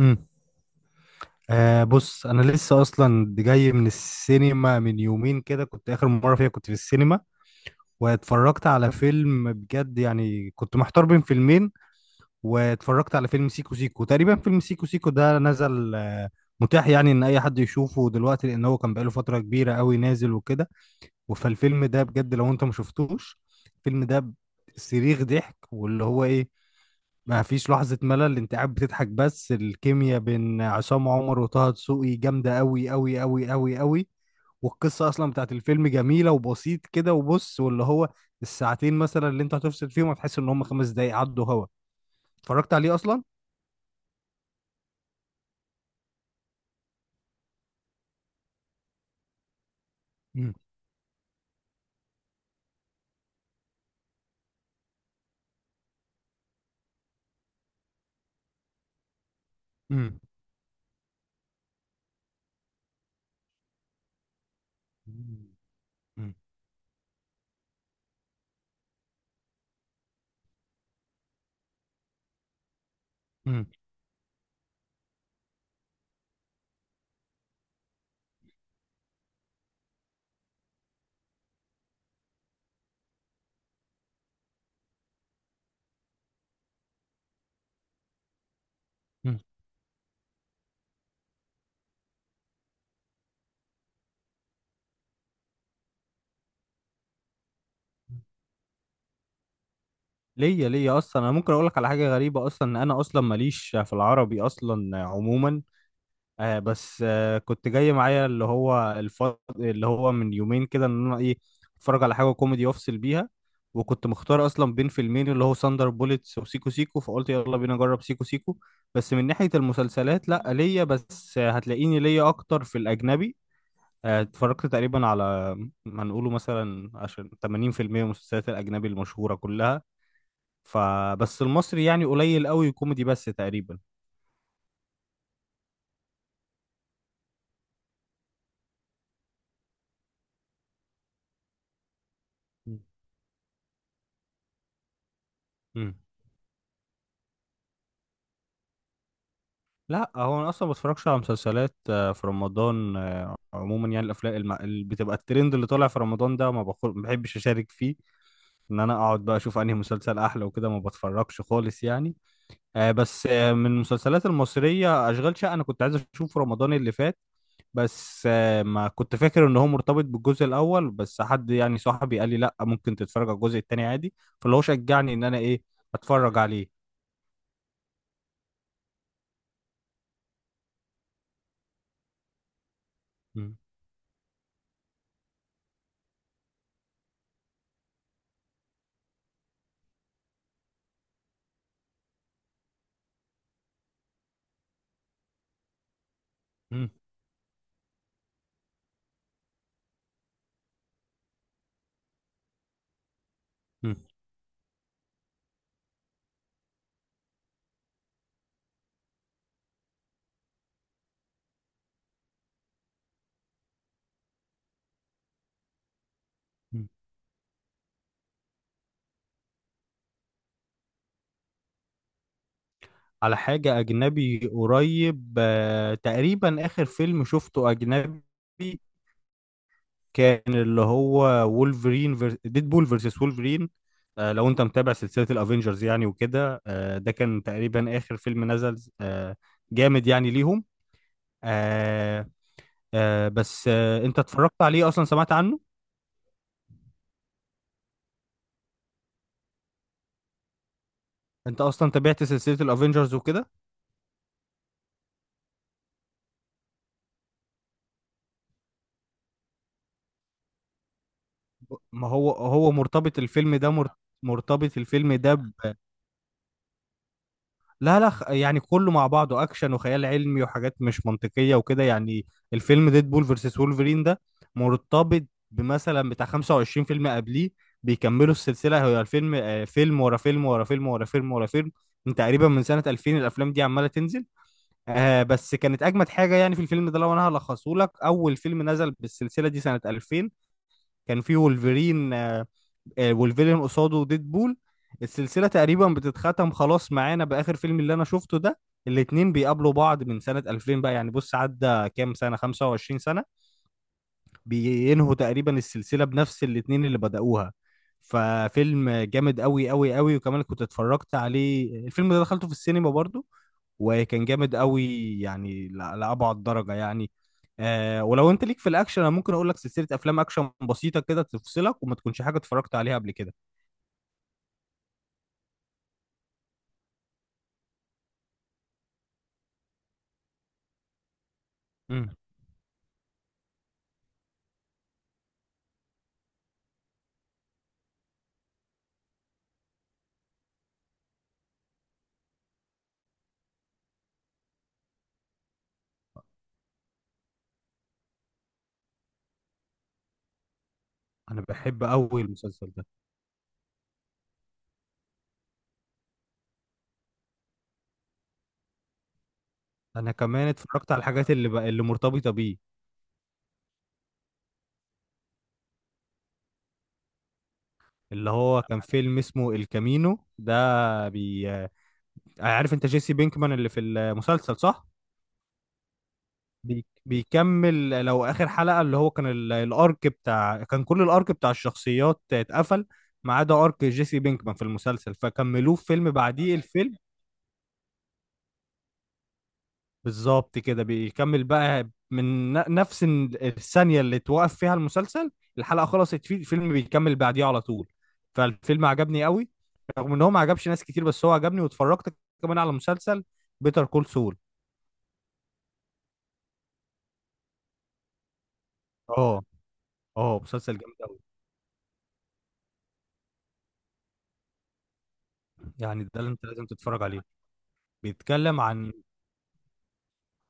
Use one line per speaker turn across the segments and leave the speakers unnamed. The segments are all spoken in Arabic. امم آه، بص، انا لسه اصلا جاي من السينما من يومين كده. كنت اخر مره فيها كنت في السينما واتفرجت على فيلم بجد. يعني كنت محتار بين فيلمين واتفرجت على فيلم سيكو سيكو. تقريبا فيلم سيكو سيكو ده نزل، متاح يعني ان اي حد يشوفه دلوقتي، لان هو كان بقاله فتره كبيره قوي نازل وكده. فالفيلم ده بجد، لو انت ما شفتوش الفيلم ده، صريخ ضحك. واللي هو ايه، ما فيش لحظة ملل، انت قاعد بتضحك. بس الكيمياء بين عصام عمر وطه دسوقي جامدة قوي قوي قوي قوي قوي. والقصة اصلا بتاعت الفيلم جميلة وبسيط كده. وبص، واللي هو الساعتين مثلا اللي انت هتفصل فيهم هتحس ان هم خمس دقايق عدوا هوا. اتفرجت عليه اصلا؟ مم. مم. مم. مم. مم. ليا اصلا، انا ممكن اقول لك على حاجة غريبة اصلا، ان انا اصلا ماليش في العربي اصلا عموما. آه، بس كنت جاي معايا اللي هو من يومين كده، ان انا ايه، اتفرج على حاجه كوميدي وافصل بيها. وكنت مختار اصلا بين فيلمين، اللي هو ساندر بوليتس وسيكو سيكو، فقلت يلا بينا نجرب سيكو سيكو. بس من ناحيه المسلسلات لا، ليا بس هتلاقيني ليا اكتر في الاجنبي. اتفرجت تقريبا على ما نقوله مثلا عشان 80% من المسلسلات الاجنبي المشهوره كلها. فبس المصري يعني قليل قوي، كوميدي بس تقريبا. مم. لا، هو انا اصلا ما بتفرجش على مسلسلات في رمضان عموما. يعني الافلام اللي بتبقى الترند اللي طالع في رمضان ده، ما بحبش اشارك فيه. ان انا اقعد بقى اشوف انهي مسلسل احلى وكده، ما بتفرجش خالص يعني. بس من المسلسلات المصريه اشغال شقه، انا كنت عايز اشوفه رمضان اللي فات. بس ما كنت فاكر ان هو مرتبط بالجزء الاول، بس حد يعني صاحبي قال لي لا، ممكن تتفرج على الجزء التاني عادي. فاللي هو شجعني ان انا ايه، اتفرج عليه. م- م- م- م. على حاجة أجنبي قريب، تقريبا آخر فيلم شفته أجنبي كان اللي هو ديدبول فيرسس وولفرين. لو أنت متابع سلسلة الأفينجرز يعني وكده، ده كان تقريبا آخر فيلم نزل، جامد يعني ليهم. آه، بس أنت اتفرجت عليه أصلا؟ سمعت عنه؟ أنت أصلا تابعت سلسلة الأفينجرز وكده؟ ما هو مرتبط الفيلم ده، مرتبط الفيلم ده. لا لا، يعني كله مع بعضه اكشن وخيال علمي وحاجات مش منطقيه وكده يعني. الفيلم ديد بول فيرسس وولفرين ده مرتبط بمثلا بتاع 25 فيلم قبليه بيكملوا السلسله. هو الفيلم فيلم ورا فيلم ورا فيلم ورا فيلم ورا فيلم، من تقريبا من سنه 2000 الافلام دي عماله تنزل. بس كانت اجمد حاجه يعني في الفيلم ده. لو انا هلخصه لك، اول فيلم نزل بالسلسله دي سنه 2000 كان فيه وولفرين، والفيلن قصاده ديد بول. السلسلة تقريبا بتتختم خلاص معانا بآخر فيلم اللي أنا شفته ده. الاتنين بيقابلوا بعض من سنة 2000، بقى يعني بص عدى كام سنة، 25 سنة، بينهوا تقريبا السلسلة بنفس الاتنين اللي بدأوها. ففيلم جامد قوي قوي قوي. وكمان كنت اتفرجت عليه، الفيلم ده دخلته في السينما برضو. وكان جامد قوي، يعني لأبعد درجة يعني. آه، ولو انت ليك في الاكشن انا ممكن اقول لك سلسلة افلام اكشن بسيطة كده تفصلك وما تكونش حاجة اتفرجت عليها قبل كده. مم. انا بحب قوي المسلسل ده. انا كمان اتفرجت على الحاجات اللي بقى اللي مرتبطه بيه، اللي هو كان فيلم اسمه الكامينو ده. بي عارف انت جيسي بينكمان اللي في المسلسل، صح؟ بيكمل لو اخر حلقه، اللي هو كان الارك بتاع، كان كل الارك بتاع الشخصيات اتقفل ما عدا ارك جيسي بينكمان في المسلسل، فكملوه في فيلم بعديه الفيلم. بالظبط كده، بيكمل بقى من نفس الثانية اللي توقف فيها المسلسل. الحلقة خلصت فيه الفيلم بيكمل بعديها على طول. فالفيلم عجبني قوي رغم ان هو ما عجبش ناس كتير، بس هو عجبني. واتفرجت كمان على مسلسل بيتر كول سول. اه. اه، مسلسل جامد قوي يعني، ده اللي انت لازم تتفرج عليه. بيتكلم عن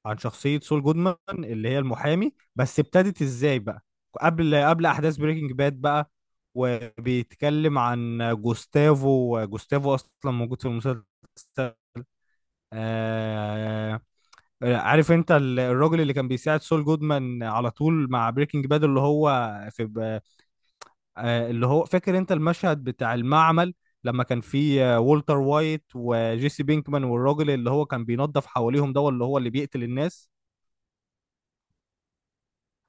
عن شخصية سول جودمان اللي هي المحامي، بس ابتدت ازاي بقى؟ قبل احداث بريكنج باد بقى. وبيتكلم عن جوستافو. جوستافو اصلا موجود في المسلسل. آه، عارف انت الراجل اللي كان بيساعد سول جودمان على طول مع بريكنج باد اللي هو في اللي هو فاكر انت المشهد بتاع المعمل، لما كان في والتر وايت وجيسي بينكمان والراجل اللي هو كان بينظف حواليهم، ده اللي هو اللي بيقتل الناس.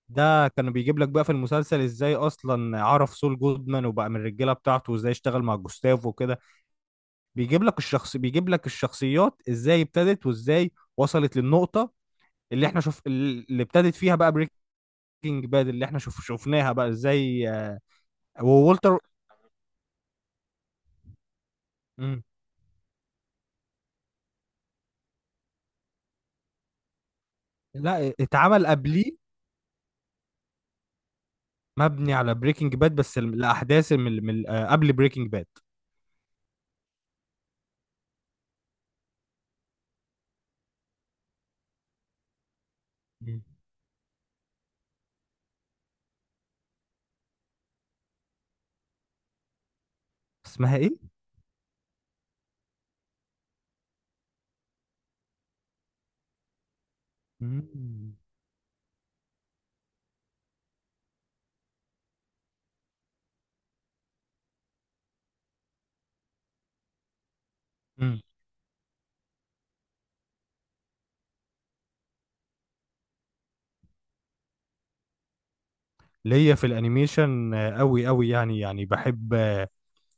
ده كان بيجيب لك بقى في المسلسل ازاي اصلا عرف سول جودمان وبقى من الرجاله بتاعته، وازاي اشتغل مع جوستافو وكده. بيجيب لك الشخص، بيجيب لك الشخصيات ازاي ابتدت، وازاي وصلت للنقطه اللي احنا شوف اللي ابتدت فيها بقى بريكنج باد اللي احنا شوف شفناها بقى ازاي، وولتر. مم. لا، اتعمل قبليه. مبني على بريكنج باد بس الاحداث من قبل بريكنج باد. مم. اسمها ايه؟ مم. مم. ليا في الانيميشن قوي قوي، يعني يعني بحب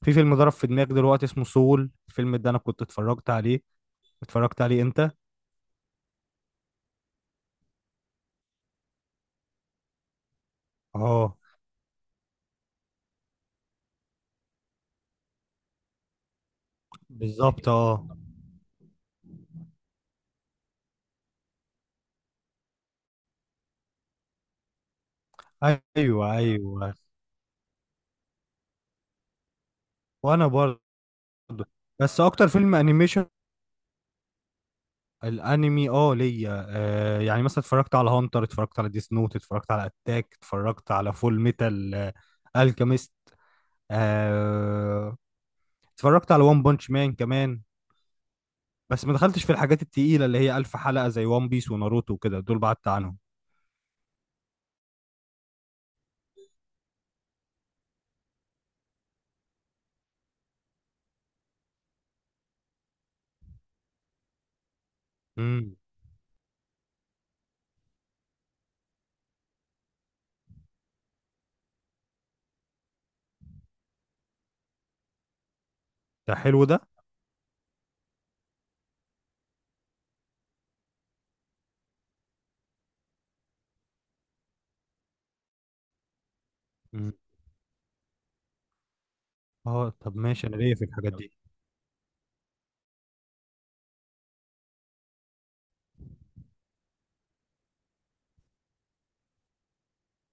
في فيلم ضرب في دماغي دلوقتي اسمه سول، الفيلم ده انا كنت اتفرجت عليه. اتفرجت عليه انت؟ اه، بالظبط، اه. ايوه، ايوه. وانا برضه، بس اكتر فيلم انيميشن، الانمي اه، ليا يعني مثلا اتفرجت على هانتر، اتفرجت على ديس نوت، اتفرجت على اتاك، اتفرجت على فول ميتال الكيميست. آه، اتفرجت على وان بانش مان كمان. بس ما دخلتش في الحاجات التقيلة اللي هي ألف حلقة زي وان بيس وناروتو وكده، دول بعدت عنهم. امم. ده حلو ده. اه، طب ماشي، انا ليا في الحاجات دي.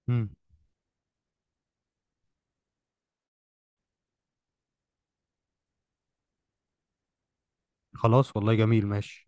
امم. خلاص، والله جميل، ماشي.